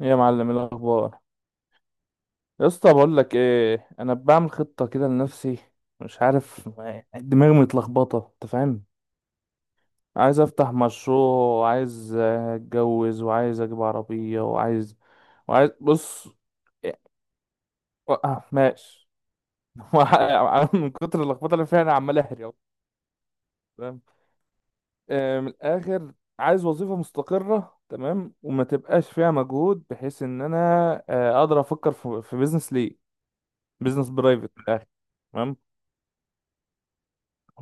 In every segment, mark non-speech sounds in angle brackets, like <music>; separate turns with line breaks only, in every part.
إيه يا معلم، إيه الاخبار؟ يا اسطى بقول لك ايه، انا بعمل خطه كده لنفسي. مش عارف، دماغي متلخبطه، انت فاهم. عايز افتح مشروع وعايز اتجوز وعايز اجيب عربيه وعايز بص. إيه، ماشي. <laughs> من كتر اللخبطه اللي فيها انا عمال اهري أهو. فاهم. من الاخر عايز وظيفه مستقره، تمام، وما تبقاش فيها مجهود بحيث ان انا اقدر افكر في بيزنس ليه. بيزنس برايفت من الاخر.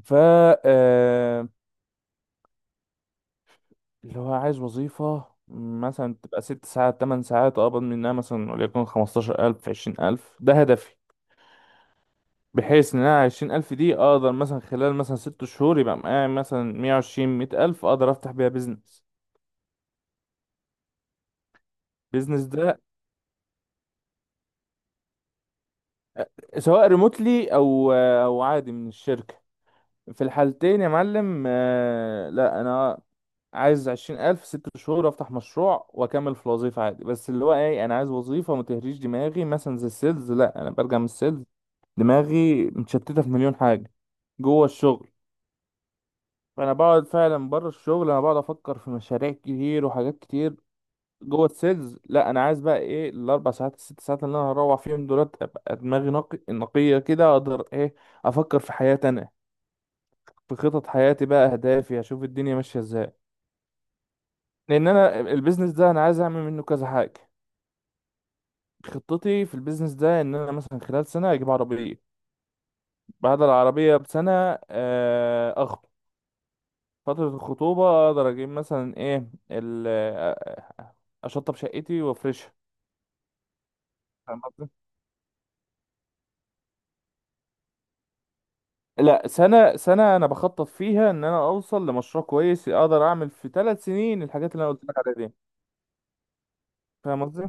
ف آه، اللي هو عايز وظيفة مثلا تبقى 6 ساعات 8 ساعات، أقبض منها مثلا وليكن 15,000 20,000، ده هدفي. بحيث إن أنا 20,000 دي أقدر مثلا خلال مثلا 6 شهور يبقى معايا مثلا مية وعشرين مية ألف، أقدر أفتح بيها بيزنس. بيزنس ده سواء ريموتلي أو عادي من الشركة، في الحالتين يا معلم. لا أنا عايز 20,000 6 شهور أفتح مشروع وأكمل في الوظيفة عادي. بس اللي هو إيه، أنا عايز وظيفة ما تهريش دماغي، مثلا زي السيلز لأ، أنا برجع من السيلز دماغي متشتتة في مليون حاجة جوه الشغل. فأنا بقعد فعلا بره الشغل، أنا بقعد أفكر في مشاريع كتير وحاجات كتير. جوه السيلز لأ. أنا عايز بقى إيه، الأربع ساعات الست ساعات اللي أنا هروح فيهم دولت أبقى دماغي نقية كده، أقدر إيه، أفكر في حياتي أنا، في خطط حياتي بقى، أهدافي، أشوف الدنيا ماشية إزاي. لأن أنا البيزنس ده أنا عايز أعمل منه كذا حاجة. خطتي في البيزنس ده ان انا مثلا خلال سنه اجيب عربيه، بعد العربيه بسنه اخطب، فتره الخطوبه اقدر اجيب مثلا ايه اشطب شقتي وافرشها. فاهم قصدي؟ لا سنه سنه انا بخطط فيها ان انا اوصل لمشروع كويس، اقدر اعمل في 3 سنين الحاجات اللي انا قلت لك عليها دي. فاهم قصدي.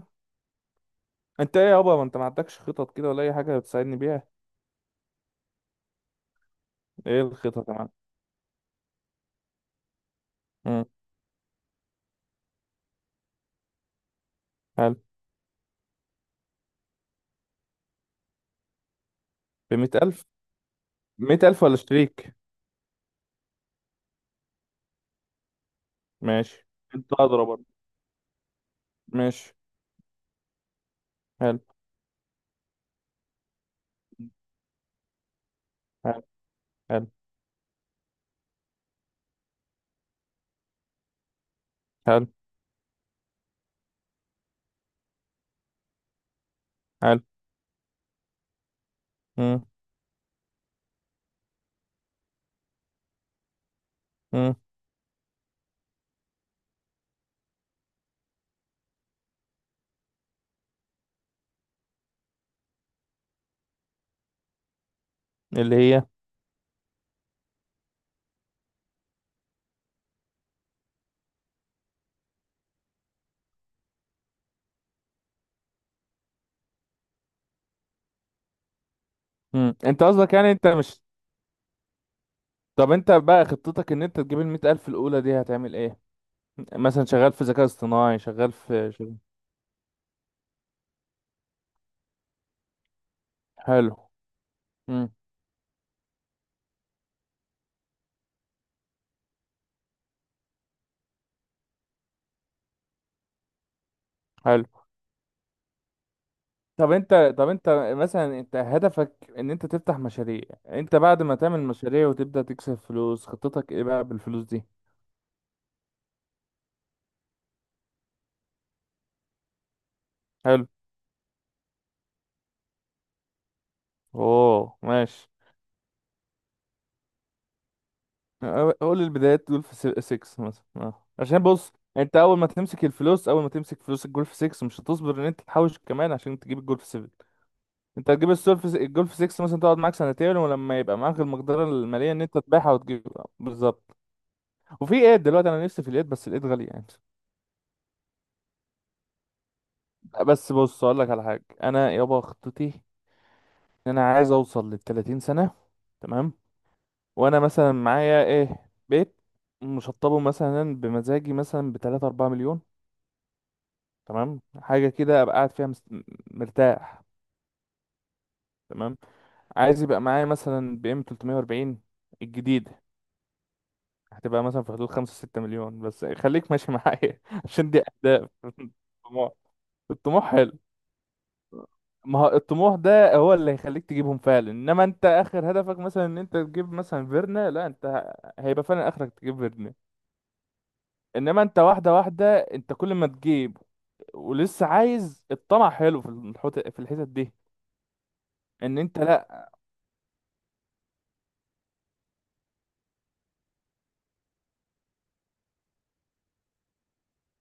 انت ايه يابا، ما انت ما عندكش خطط كده ولا اي حاجه تساعدني بيها؟ ايه الخطط يا معلم؟ امم. حلو. ب 100,000؟ 100,000 ولا شريك؟ ماشي. انت اضرب برضه. ماشي. حلو. حلو. حلو. حلو. مم. مم. اللي هي. مم. انت قصدك يعني انت مش. طب انت بقى خطتك ان انت تجيب 100,000 الأولى دي هتعمل ايه؟ مثلا شغال في ذكاء اصطناعي، شغال. حلو. مم. حلو. طب انت مثلا انت هدفك ان انت تفتح مشاريع، انت بعد ما تعمل مشاريع وتبدأ تكسب فلوس خطتك ايه بقى بالفلوس دي؟ حلو. اوه ماشي. قول البدايات دول في 6 مثلا، اه عشان بص انت اول ما تمسك الفلوس، اول ما تمسك فلوس الجول في 6 مش هتصبر ان انت تحوش كمان عشان تجيب الجول في 7. انت هتجيب السول في الجول في 6، مثلا تقعد معاك سنتين، ولما يبقى معاك المقدره الماليه ان انت تبيعها وتجيب. بالظبط. وفي ايد دلوقتي انا نفسي في الايد بس الايد غاليه يعني. بس بص اقول لك على حاجه، انا يابا خطتي ان انا عايز اوصل لل 30 سنه، تمام، وانا مثلا معايا ايه، بيت مشطبه مثلا بمزاجي مثلا ب 3 4 مليون، تمام، حاجه كده ابقى قاعد فيها مرتاح، تمام. عايز يبقى معايا مثلا بي ام 340 الجديده. هتبقى مثلا في حدود 5 6 مليون، بس خليك ماشي معايا <laughs> عشان دي اهداف. <laughs> طموح. الطموح حلو. ما هو الطموح ده هو اللي هيخليك تجيبهم فعلا، انما انت اخر هدفك مثلا ان انت تجيب مثلا فيرنا، لا انت هيبقى فعلا اخرك تجيب فيرنا. انما انت واحده واحده، انت كل ما تجيب ولسه عايز، الطمع حلو في في الحتت دي. ان انت لا.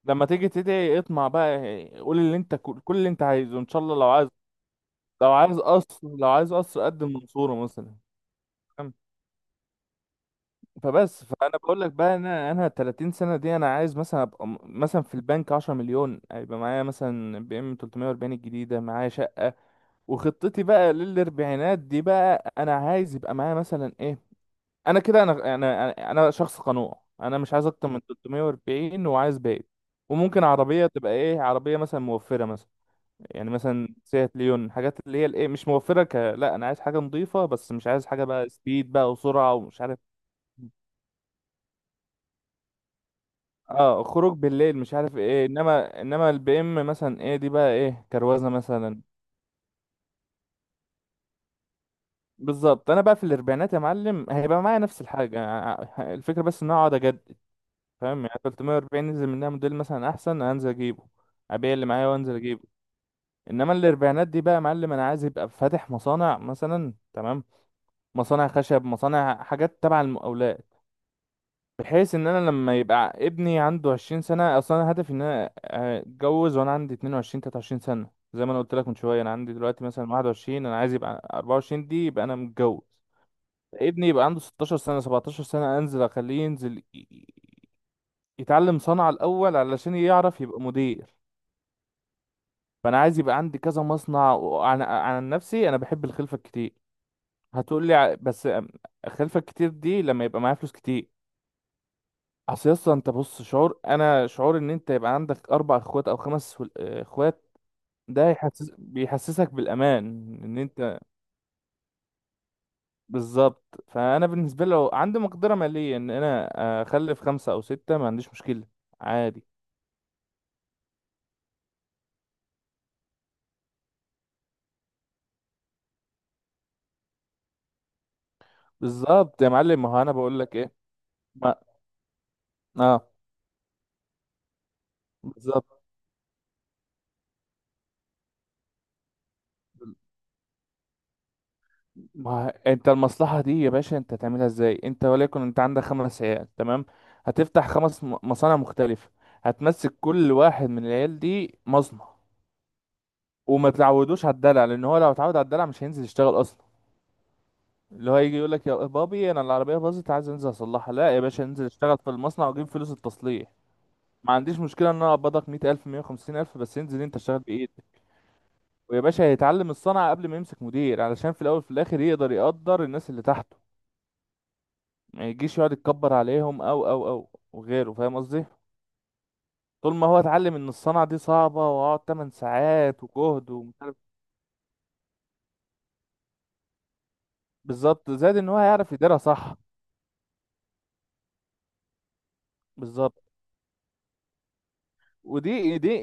لما تيجي تدعي اطمع بقى، قول اللي انت، كل اللي انت عايزه ان شاء الله، لو عايز قصر، لو عايز قصر قدم منصورة مثلا. فاهم؟ فبس فانا بقول لك بقى، انا 30 سنة دي انا عايز مثلا ابقى مثلا في البنك 10 مليون، هيبقى معايا مثلا بي ام 340 الجديدة، معايا شقة. وخطتي بقى للاربعينات دي بقى انا عايز يبقى معايا مثلا ايه، انا كده انا انا انا أنا شخص قنوع. انا مش عايز اكتر من 340 وعايز باقي. وممكن عربية تبقى ايه، عربية مثلا موفرة مثلا، يعني مثلا سيات ليون، حاجات اللي هي الايه مش موفره، لا انا عايز حاجه نظيفه بس مش عايز حاجه بقى سبيد بقى وسرعه ومش عارف. اه خروج بالليل مش عارف ايه، انما البي ام مثلا ايه دي بقى، ايه، كروزه مثلا. بالظبط. انا بقى في الاربعينات يا معلم هيبقى معايا نفس الحاجه، الفكره بس ان أنا اقعد اجدد. فاهم يعني 340 نزل منها موديل مثلا احسن انزل اجيبه، ابيع اللي معايا وانزل اجيبه. انما الاربعينات دي بقى يا معلم انا عايز يبقى فاتح مصانع مثلا، تمام، مصانع خشب، مصانع حاجات تبع المقاولات، بحيث ان انا لما يبقى ابني عنده 20 سنه. اصلا انا هدفي ان انا اتجوز وانا عندي 22 23 سنه، زي ما انا قلت لك من شويه، انا عندي دلوقتي مثلا 21، انا عايز يبقى 24 دي يبقى انا متجوز. ابني يبقى عنده 16 سنه 17 سنه انزل اخليه ينزل يتعلم صنعه الاول علشان يعرف يبقى مدير. فانا عايز يبقى عندي كذا مصنع. وعن نفسي انا بحب الخلفه الكتير. هتقول لي بس الخلفه الكتير دي لما يبقى معايا فلوس كتير. اصلا انت بص، شعور ان انت يبقى عندك 4 اخوات او خمس اخوات، ده بيحسسك بالامان، ان انت. بالظبط. فانا بالنسبه لي لو عندي مقدره ماليه ان انا اخلف خمسه او سته ما عنديش مشكله، عادي. بالظبط يا معلم. ما هو انا بقول لك ايه. ما. اه. بالظبط. ما هو انت المصلحه دي يا باشا انت هتعملها ازاي؟ انت وليكن انت عندك 5 عيال، تمام، هتفتح 5 مصانع مختلفه، هتمسك كل واحد من العيال دي مصنع. وما تعودوش على الدلع لان هو لو اتعود على الدلع مش هينزل يشتغل اصلا. اللي هو يجي يقول لك يا بابي انا العربيه باظت عايز انزل اصلحها، لا يا باشا انزل اشتغل في المصنع واجيب فلوس التصليح. ما عنديش مشكله ان انا اقبضك 100,000 150,000 بس انزل انت اشتغل بايدك. ويا باشا هيتعلم الصنعه قبل ما يمسك مدير علشان في الاول وفي الاخر يقدر الناس اللي تحته، ما يجيش يقعد يتكبر عليهم او وغيره. فاهم قصدي. طول ما هو اتعلم ان الصنعه دي صعبه، واقعد 8 ساعات وجهد ومش عارف. بالظبط، زائد ان هو هيعرف يديرها صح. بالظبط. ودي دي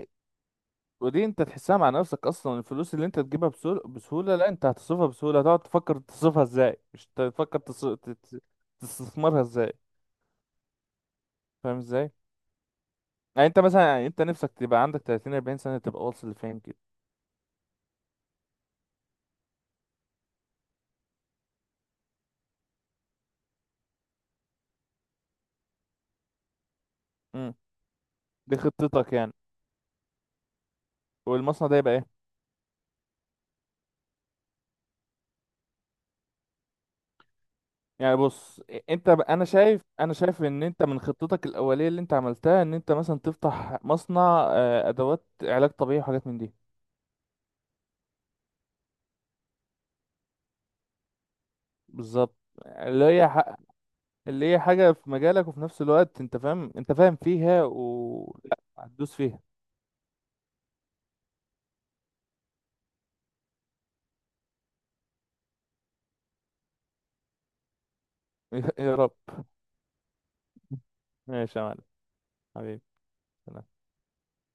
ودي انت تحسها مع نفسك اصلا، الفلوس اللي انت تجيبها بسهولة، بسهولة، لا انت هتصرفها بسهولة، هتقعد تفكر تصرفها ازاي، مش تفكر تستثمرها ازاي. فاهم ازاي. يعني انت مثلا، يعني انت نفسك تبقى عندك 30 40 سنة تبقى واصل لفين كده؟ امم. دي خطتك يعني. والمصنع ده يبقى ايه؟ يعني بص انت انا شايف ان انت من خطتك الاولية اللي انت عملتها ان انت مثلا تفتح مصنع ادوات علاج طبيعي وحاجات من دي. بالظبط. اللي هي ح- اللي هي حاجة في مجالك، وفي نفس الوقت انت فاهم فيها و لا هتدوس فيها. <laughs> يا رب. ماشي يا معلم. حبيبي.